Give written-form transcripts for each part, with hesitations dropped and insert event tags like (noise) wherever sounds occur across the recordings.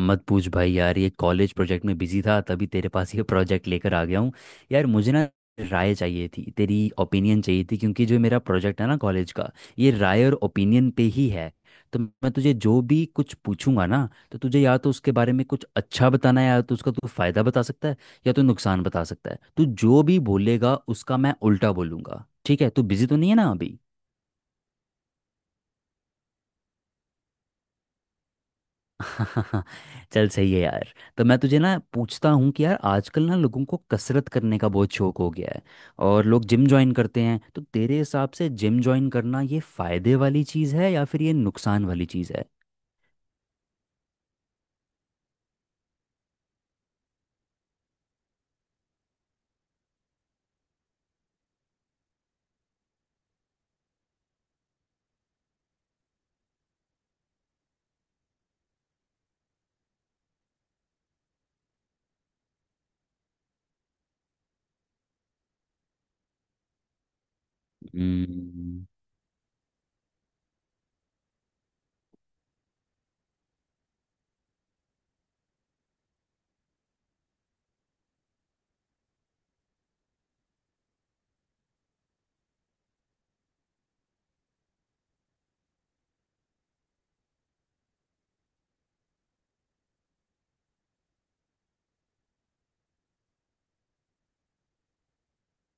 मत पूछ भाई यार, ये कॉलेज प्रोजेक्ट में बिजी था, तभी तेरे पास ये प्रोजेक्ट लेकर आ गया हूँ। यार मुझे ना राय चाहिए थी, तेरी ओपिनियन चाहिए थी, क्योंकि जो मेरा प्रोजेक्ट है ना कॉलेज का, ये राय और ओपिनियन पे ही है। तो मैं तुझे जो भी कुछ पूछूंगा ना, तो तुझे या तो उसके बारे में कुछ अच्छा बताना है, या तो उसका तू फायदा बता सकता है, या तो नुकसान बता सकता है। तू जो भी बोलेगा उसका मैं उल्टा बोलूंगा। ठीक है, तू बिजी तो नहीं है ना अभी? (laughs) चल, सही है यार। तो मैं तुझे ना पूछता हूँ कि यार आजकल ना लोगों को कसरत करने का बहुत शौक हो गया है और लोग जिम ज्वाइन करते हैं। तो तेरे हिसाब से जिम ज्वाइन करना ये फायदे वाली चीज़ है या फिर ये नुकसान वाली चीज़ है? हम्म।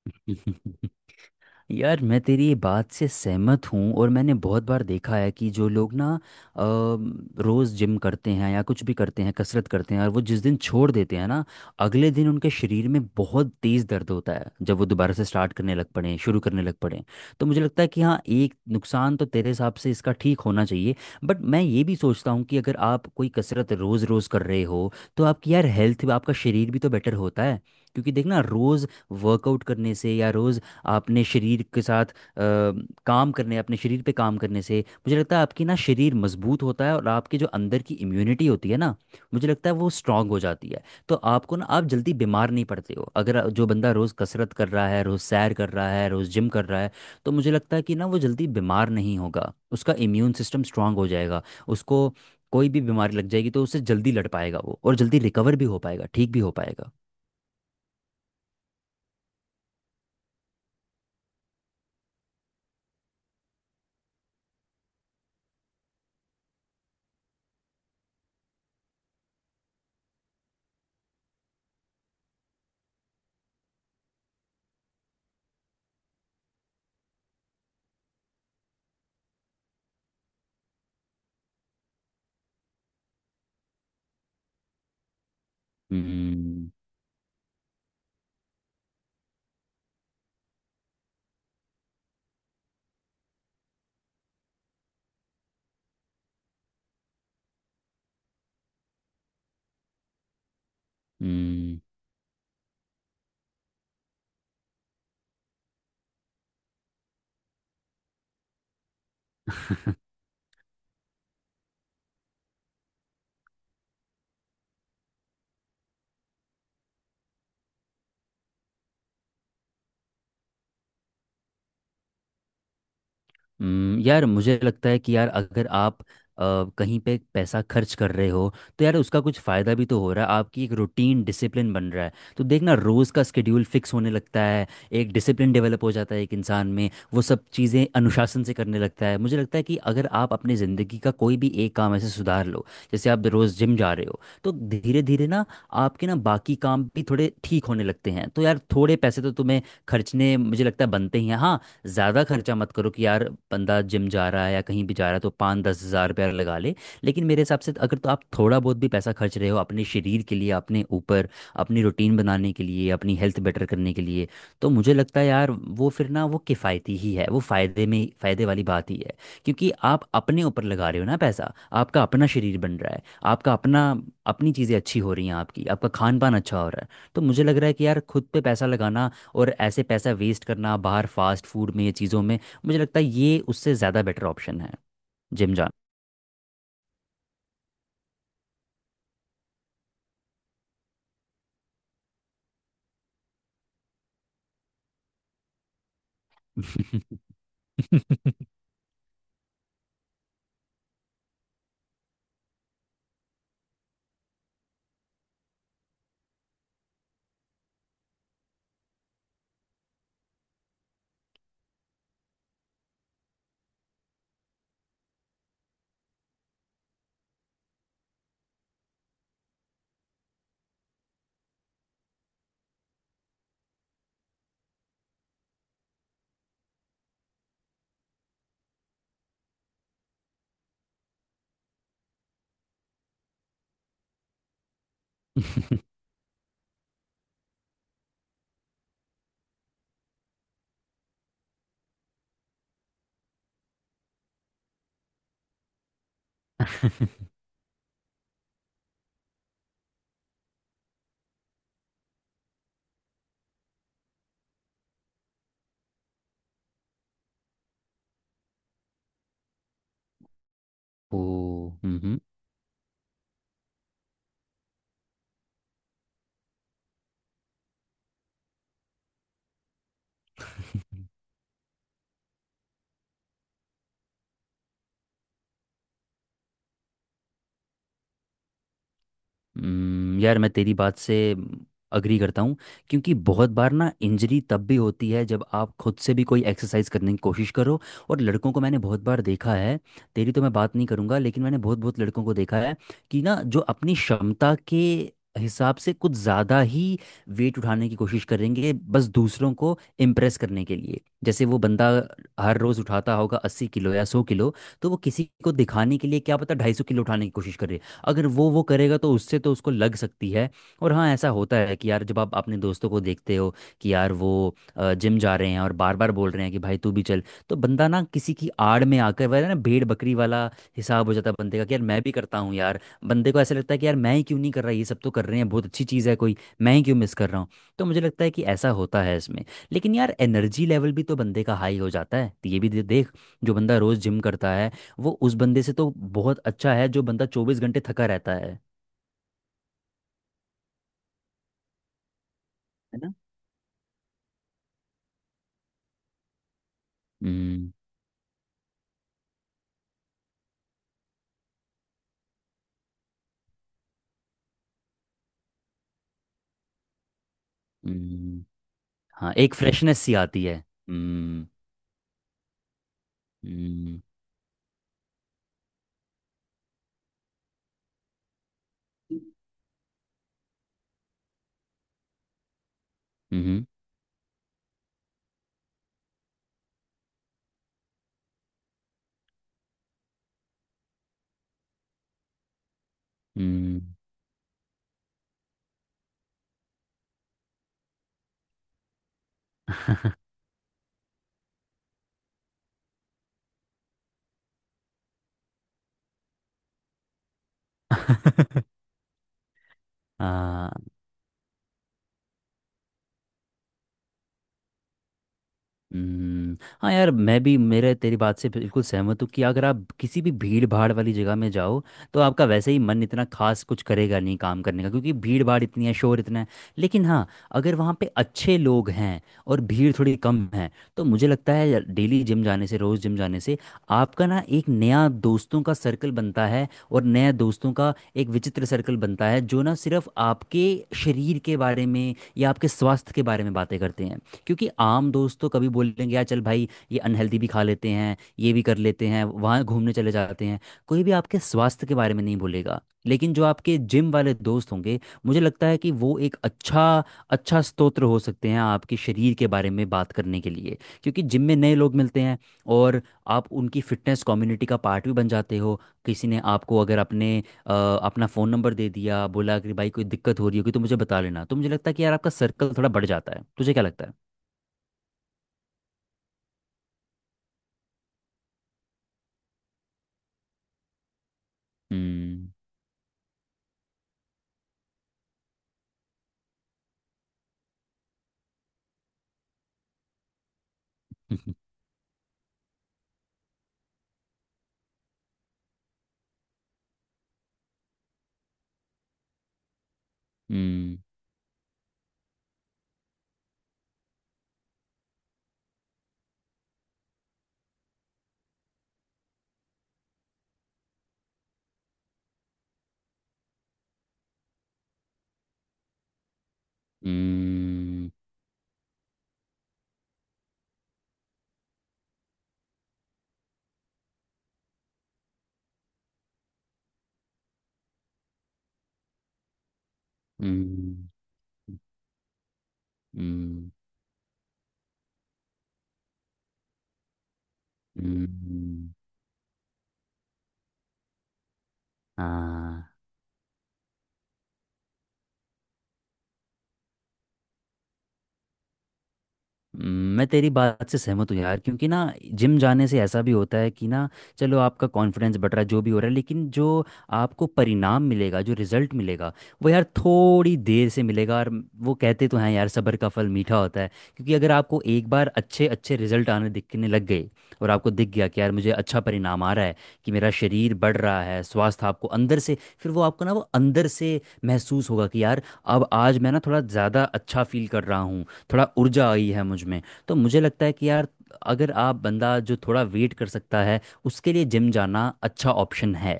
(laughs) यार मैं तेरी ये बात से सहमत हूँ, और मैंने बहुत बार देखा है कि जो लोग ना अ, रोज़ जिम करते हैं या कुछ भी करते हैं, कसरत करते हैं, और वो जिस दिन छोड़ देते हैं ना, अगले दिन उनके शरीर में बहुत तेज़ दर्द होता है जब वो दोबारा से स्टार्ट करने लग पड़े, शुरू करने लग पड़े। तो मुझे लगता है कि हाँ, एक नुकसान तो तेरे हिसाब से इसका ठीक होना चाहिए। बट मैं ये भी सोचता हूँ कि अगर आप कोई कसरत रोज़ रोज़ कर रहे हो तो आपकी यार हेल्थ, आपका शरीर भी तो बेटर होता है। क्योंकि देखना, रोज़ वर्कआउट करने से या रोज़ आपने शरीर के साथ काम करने, अपने शरीर पे काम करने से मुझे लगता है आपकी ना शरीर मजबूत होता है, और आपके जो अंदर की इम्यूनिटी होती है ना, मुझे लगता है वो स्ट्रांग हो जाती है। तो आपको ना आप जल्दी बीमार नहीं पड़ते हो। अगर जो बंदा रोज़ कसरत कर रहा है, रोज़ सैर कर रहा है, रोज़ जिम कर रहा है, तो मुझे लगता है कि ना वो जल्दी बीमार नहीं होगा, उसका इम्यून सिस्टम स्ट्रांग हो जाएगा। उसको कोई भी बीमारी लग जाएगी तो उससे जल्दी लड़ पाएगा वो, और जल्दी रिकवर भी हो पाएगा, ठीक भी हो पाएगा। हम्म। हम्म। (laughs) यार मुझे लगता है कि यार अगर आप अ, कहीं पे पैसा खर्च कर रहे हो, तो यार उसका कुछ फ़ायदा भी तो हो रहा है। आपकी एक रूटीन डिसिप्लिन बन रहा है। तो देखना, रोज़ का स्केड्यूल फिक्स होने लगता है। एक डिसिप्लिन डेवलप हो जाता है एक इंसान में, वो सब चीज़ें अनुशासन से करने लगता है। मुझे लगता है कि अगर आप अपनी ज़िंदगी का कोई भी एक काम ऐसे सुधार लो, जैसे आप रोज़ जिम जा रहे हो, तो धीरे धीरे ना आपके ना बाकी काम भी थोड़े ठीक होने लगते हैं। तो यार थोड़े पैसे तो तुम्हें खर्चने मुझे लगता है बनते ही हैं। हाँ, ज़्यादा खर्चा मत करो कि यार बंदा जिम जा रहा है या कहीं भी जा रहा है तो 5-10 हज़ार रुपया लगा ले। लेकिन मेरे हिसाब से अगर तो आप थोड़ा बहुत भी पैसा खर्च रहे हो अपने शरीर के लिए, अपने ऊपर, अपनी रूटीन बनाने के लिए, अपनी हेल्थ बेटर करने के लिए, तो मुझे लगता है यार वो फिर ना वो किफ़ायती ही है, वो फ़ायदे में, फ़ायदे वाली बात ही है। क्योंकि आप अपने ऊपर लगा रहे हो ना पैसा, आपका अपना शरीर बन रहा है, आपका अपना, अपनी चीज़ें अच्छी हो रही हैं, आपकी आपका खान पान अच्छा हो रहा है। तो मुझे लग रहा है कि यार खुद पे पैसा लगाना, और ऐसे पैसा वेस्ट करना बाहर फास्ट फूड में, ये चीज़ों में, मुझे लगता है ये उससे ज़्यादा बेटर ऑप्शन है जिम जाना। (laughs) (laughs) ओ हम्म। यार मैं तेरी बात से अग्री करता हूँ, क्योंकि बहुत बार ना इंजरी तब भी होती है जब आप खुद से भी कोई एक्सरसाइज करने की कोशिश करो। और लड़कों को मैंने बहुत बार देखा है। तेरी तो मैं बात नहीं करूँगा, लेकिन मैंने बहुत बहुत लड़कों को देखा है कि ना जो अपनी क्षमता के हिसाब से कुछ ज़्यादा ही वेट उठाने की कोशिश करेंगे, बस दूसरों को इम्प्रेस करने के लिए। जैसे वो बंदा हर रोज़ उठाता होगा 80 किलो या 100 किलो, तो वो किसी को दिखाने के लिए क्या पता 250 किलो उठाने की कोशिश, अगर वो करेगा, तो उससे तो उसको लग सकती है। और हाँ, ऐसा होता है कि यार जब आप अपने दोस्तों को देखते हो कि यार वो जिम जा रहे हैं और बार बार बोल रहे हैं कि भाई तू भी चल, तो बंदा ना किसी की आड़ में आकर वह ना, भेड़ बकरी वाला हिसाब हो जाता है बंदे का कि यार मैं भी करता हूँ यार। बंदे को ऐसा लगता है कि यार मैं ही क्यों नहीं कर रहा, ये सब तो कर रहे हैं, बहुत अच्छी चीज़ है कोई, मैं ही क्यों मिस कर रहा हूँ। तो मुझे लगता है कि ऐसा होता है इसमें। लेकिन यार एनर्जी लेवल भी तो बंदे का हाई हो जाता है, ये भी देख। जो बंदा रोज़ जिम करता है वो उस बंदे से तो बहुत अच्छा है जो बंदा 24 घंटे थका रहता है। है ना? हम्म। हम्म, हाँ, एक फ्रेशनेस सी आती है। हम्म। हम्म। हम्म। हम्म, हाँ। हम्म, हाँ, यार मैं भी मेरे तेरी बात से बिल्कुल सहमत हूँ कि अगर आप किसी भी भीड़ भाड़ वाली जगह में जाओ, तो आपका वैसे ही मन इतना खास कुछ करेगा नहीं काम करने का, क्योंकि भीड़ भाड़ इतनी है, शोर इतना है। लेकिन हाँ, अगर वहाँ पे अच्छे लोग हैं और भीड़ थोड़ी कम है, तो मुझे लगता है डेली जिम जाने से, रोज़ जिम जाने से, आपका ना एक नया दोस्तों का सर्कल बनता है, और नया दोस्तों का एक विचित्र सर्कल बनता है जो ना सिर्फ आपके शरीर के बारे में या आपके स्वास्थ्य के बारे में बातें करते हैं। क्योंकि आम दोस्त तो कभी बोलेंगे यार चल भाई ये अनहेल्दी भी खा लेते हैं, ये भी कर लेते हैं, वहाँ घूमने चले जाते हैं। कोई भी आपके स्वास्थ्य के बारे में नहीं बोलेगा। लेकिन जो आपके जिम वाले दोस्त होंगे, मुझे लगता है कि वो एक अच्छा अच्छा स्तोत्र हो सकते हैं आपके शरीर के बारे में बात करने के लिए। क्योंकि जिम में नए लोग मिलते हैं, और आप उनकी फिटनेस कम्युनिटी का पार्ट भी बन जाते हो। किसी ने आपको अगर अपने अपना फ़ोन नंबर दे दिया, बोला कि भाई कोई दिक्कत हो रही होगी तो मुझे बता लेना, तो मुझे लगता है कि यार आपका सर्कल थोड़ा बढ़ जाता है। तुझे क्या लगता है? हम्म। (laughs) हम्म। हम्म। हम्म। हम्म। हम्म। हाँ। हम्म, मैं तेरी बात से सहमत हूँ यार, क्योंकि ना जिम जाने से ऐसा भी होता है कि ना, चलो, आपका कॉन्फिडेंस बढ़ रहा है, जो भी हो रहा है, लेकिन जो आपको परिणाम मिलेगा, जो रिजल्ट मिलेगा, वो यार थोड़ी देर से मिलेगा। और वो कहते तो हैं यार सब्र का फल मीठा होता है। क्योंकि अगर आपको एक बार अच्छे अच्छे रिजल्ट आने, दिखने लग गए, और आपको दिख गया कि यार मुझे अच्छा परिणाम आ रहा है, कि मेरा शरीर बढ़ रहा है, स्वास्थ्य आपको अंदर से, फिर वो आपको ना वो अंदर से महसूस होगा कि यार अब आज मैं ना थोड़ा ज़्यादा अच्छा फील कर रहा हूँ, थोड़ा ऊर्जा आई है मुझ में। तो मुझे लगता है कि यार अगर आप, बंदा जो थोड़ा वेट कर सकता है, उसके लिए जिम जाना अच्छा ऑप्शन है।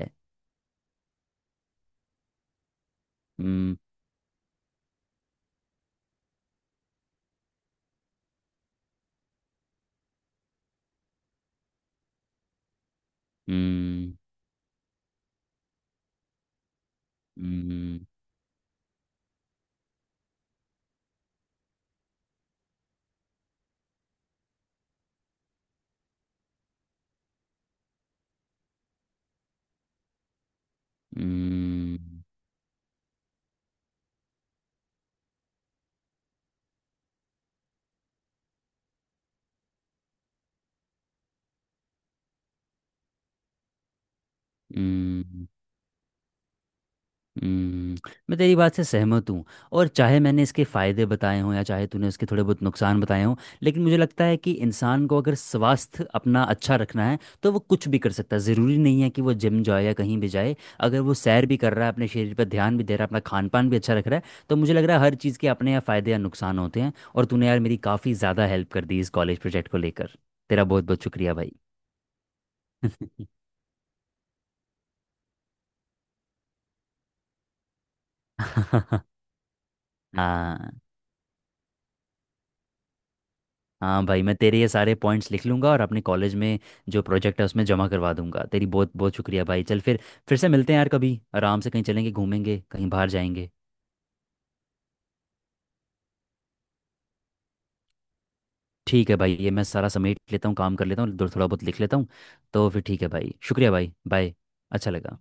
हम्म। हम्म। हम्म। हम्म। हम्म, हम्म, मैं तेरी बात से सहमत हूँ। और चाहे मैंने इसके फायदे बताए हों या चाहे तूने इसके थोड़े बहुत नुकसान बताए हों, लेकिन मुझे लगता है कि इंसान को अगर स्वास्थ्य अपना अच्छा रखना है, तो वो कुछ भी कर सकता है। ज़रूरी नहीं है कि वो जिम जाए या कहीं भी जाए, अगर वो सैर भी कर रहा है, अपने शरीर पर ध्यान भी दे रहा है, अपना खान पान भी अच्छा रख रहा है, तो मुझे लग रहा है हर चीज़ के अपने यहाँ फ़ायदे या नुकसान होते हैं। और तूने यार मेरी काफ़ी ज़्यादा हेल्प कर दी इस कॉलेज प्रोजेक्ट को लेकर। तेरा बहुत बहुत शुक्रिया भाई। (laughs) हाँ। हाँ भाई, मैं तेरे ये सारे पॉइंट्स लिख लूँगा और अपने कॉलेज में जो प्रोजेक्ट है उसमें जमा करवा दूंगा। तेरी बहुत बहुत शुक्रिया भाई। चल फिर से मिलते हैं यार, कभी आराम से कहीं चलेंगे, घूमेंगे, कहीं बाहर जाएंगे। ठीक है भाई, ये मैं सारा समेट लेता हूँ, काम कर लेता हूँ, थोड़ा बहुत लिख लेता हूँ। तो फिर ठीक है भाई, शुक्रिया भाई, बाय। अच्छा लगा।